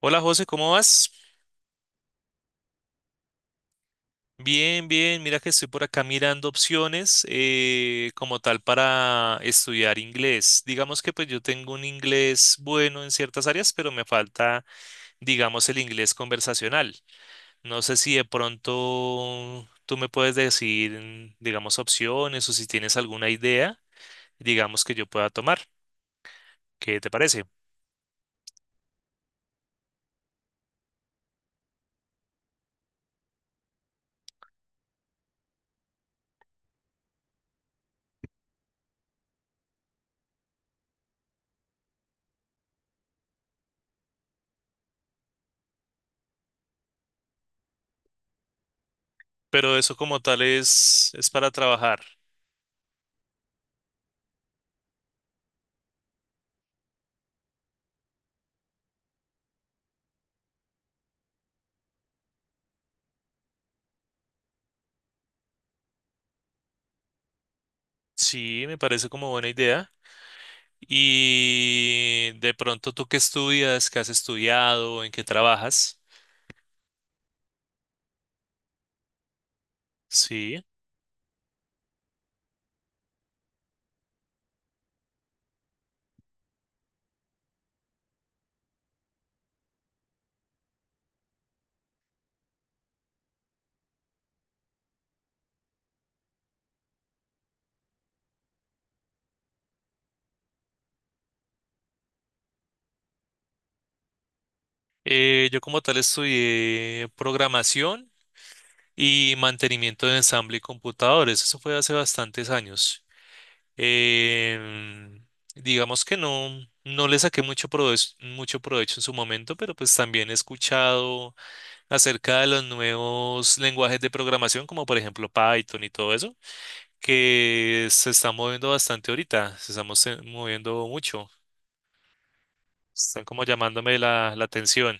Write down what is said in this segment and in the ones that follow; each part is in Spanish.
Hola José, ¿cómo vas? Bien, bien. Mira que estoy por acá mirando opciones como tal para estudiar inglés. Digamos que pues yo tengo un inglés bueno en ciertas áreas, pero me falta, digamos, el inglés conversacional. No sé si de pronto tú me puedes decir, digamos, opciones o si tienes alguna idea, digamos, que yo pueda tomar. ¿Qué te parece? Pero eso como tal es para trabajar. Sí, me parece como buena idea. Y de pronto, ¿tú qué estudias? ¿Qué has estudiado? ¿En qué trabajas? Sí. Yo como tal estudié programación y mantenimiento de ensamble y computadores. Eso fue hace bastantes años. Em, digamos que no, no le saqué mucho provecho en su momento, pero pues también he escuchado acerca de los nuevos lenguajes de programación, como por ejemplo Python y todo eso, que se está moviendo bastante ahorita, se está moviendo mucho, están como llamándome la atención.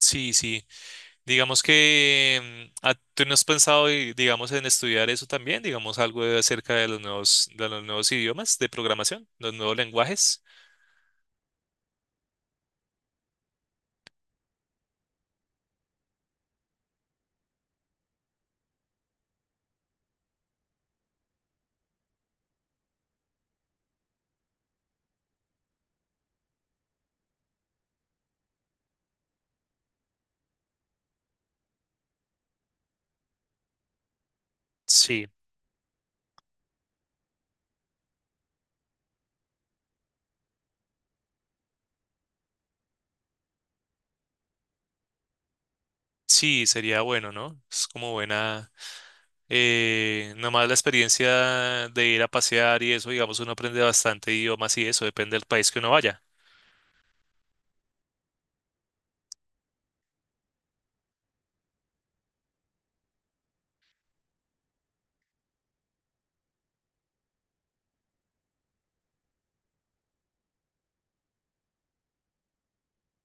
Sí, sí, digamos que tú no has pensado, digamos, en estudiar eso también, digamos, acerca de los nuevos, idiomas de programación, los nuevos lenguajes. Sí, sí, sería bueno, ¿no? Es como buena, nomás la experiencia de ir a pasear y eso, digamos, uno aprende bastante idiomas y eso, depende del país que uno vaya.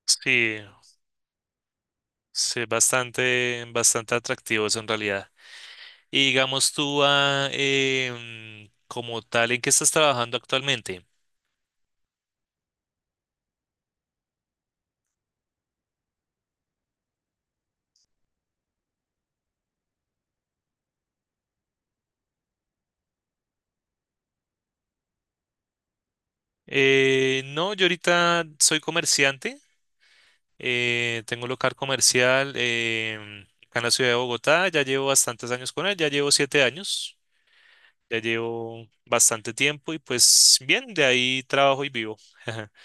Sí, sí, bastante, bastante atractivos en realidad. Y digamos tú, como tal, ¿en qué estás trabajando actualmente? No, yo ahorita soy comerciante, tengo un local comercial acá en la ciudad de Bogotá, ya llevo bastantes años con él, ya llevo 7 años, ya llevo bastante tiempo y pues bien, de ahí trabajo y vivo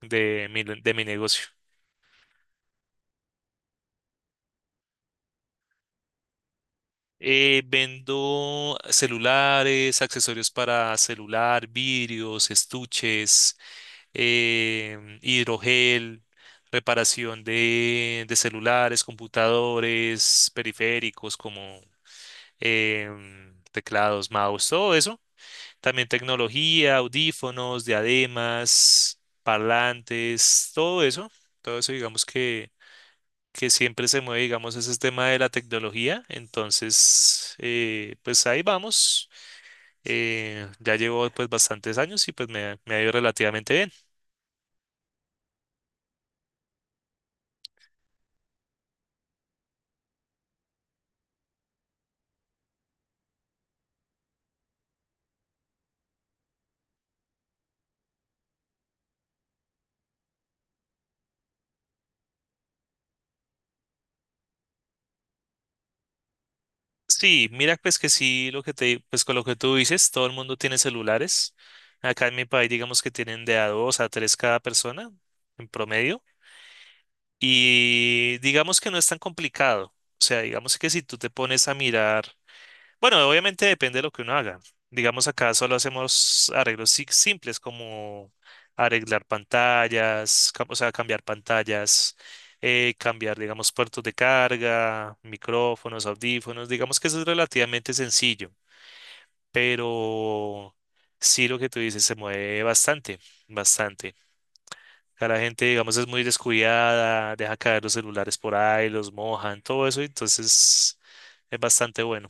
de mi negocio. Vendo celulares, accesorios para celular, vidrios, estuches, hidrogel, reparación de celulares, computadores, periféricos como teclados, mouse, todo eso. También tecnología, audífonos, diademas, parlantes, todo eso. Todo eso digamos que siempre se mueve, digamos, ese tema de la tecnología. Entonces, pues ahí vamos. Ya llevo pues bastantes años y pues me ha ido relativamente bien. Sí, mira, pues que sí, lo que te, pues con lo que tú dices, todo el mundo tiene celulares. Acá en mi país, digamos que tienen de a dos a tres cada persona en promedio. Y digamos que no es tan complicado. O sea, digamos que si tú te pones a mirar, bueno, obviamente depende de lo que uno haga. Digamos acá solo hacemos arreglos simples como arreglar pantallas, o sea, cambiar pantallas, cambiar, digamos, puertos de carga, micrófonos, audífonos. Digamos que eso es relativamente sencillo, pero sí lo que tú dices se mueve bastante, bastante. Acá la gente, digamos, es muy descuidada, deja caer los celulares por ahí, los mojan, todo eso, entonces es bastante bueno.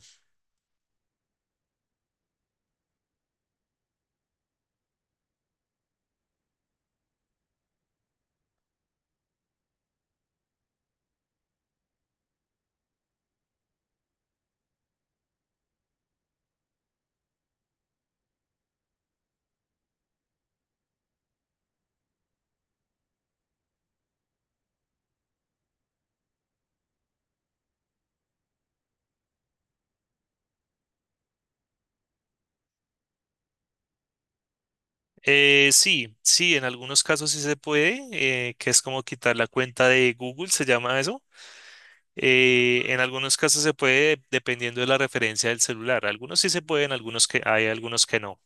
Sí, sí, en algunos casos sí se puede, que es como quitar la cuenta de Google, se llama eso. En algunos casos se puede dependiendo de la referencia del celular. Algunos sí se pueden, algunos que hay, algunos que no.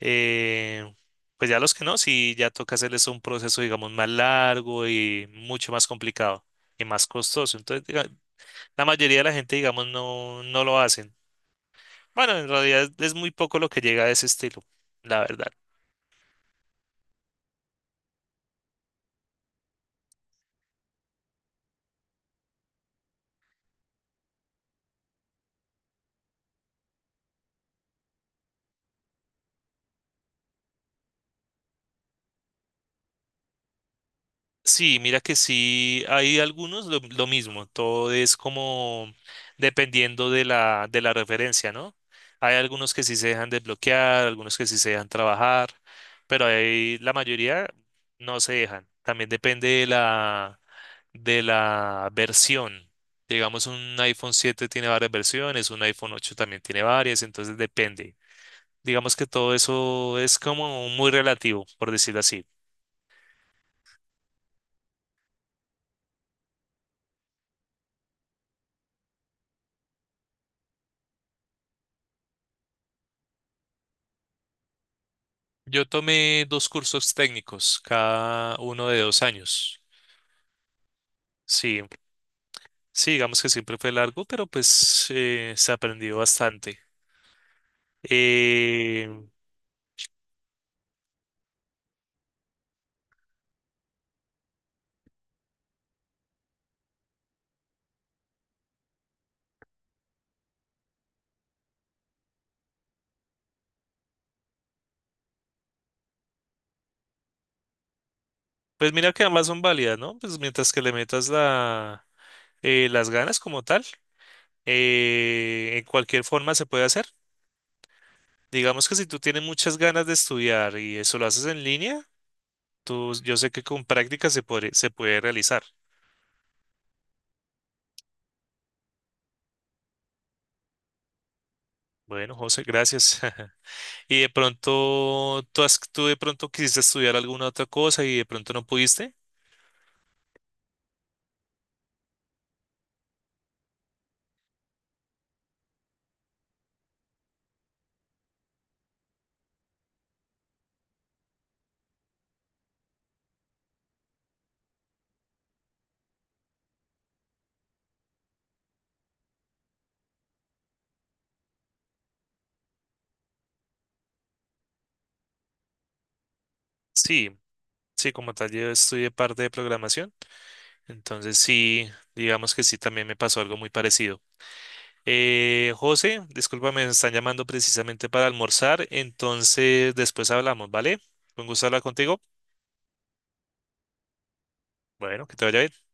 Eh, pues ya los que no, sí ya toca hacerles un proceso, digamos, más largo y mucho más complicado y más costoso. La mayoría de la gente, digamos, no, no lo hacen. Bueno, en realidad es muy poco lo que llega a ese estilo, la verdad. Sí, mira que sí, hay algunos lo mismo, todo es como dependiendo de la referencia, ¿no? Hay algunos que sí se dejan desbloquear, algunos que sí se dejan trabajar, pero hay, la mayoría no se dejan. También depende de la versión. Digamos, un iPhone 7 tiene varias versiones, un iPhone 8 también tiene varias, entonces depende. Digamos que todo eso es como muy relativo, por decirlo así. Yo tomé dos cursos técnicos, cada uno de 2 años. Sí, sí, digamos que siempre fue largo, pero pues se aprendió bastante. Eh, pues mira que ambas son válidas, ¿no? Pues mientras que le metas las ganas como tal, en cualquier forma se puede hacer. Digamos que si tú tienes muchas ganas de estudiar y eso lo haces en línea, tú, yo sé que con práctica se puede realizar. Bueno, José, gracias. Y de pronto, ¿tú, tú de pronto quisiste estudiar alguna otra cosa y de pronto no pudiste? Sí, sí, como tal, yo estudié parte de programación, entonces sí, digamos que sí, también me pasó algo muy parecido. José, discúlpame, me están llamando precisamente para almorzar, entonces después hablamos, ¿vale? Fue un gusto hablar contigo. Bueno, que te vaya bien.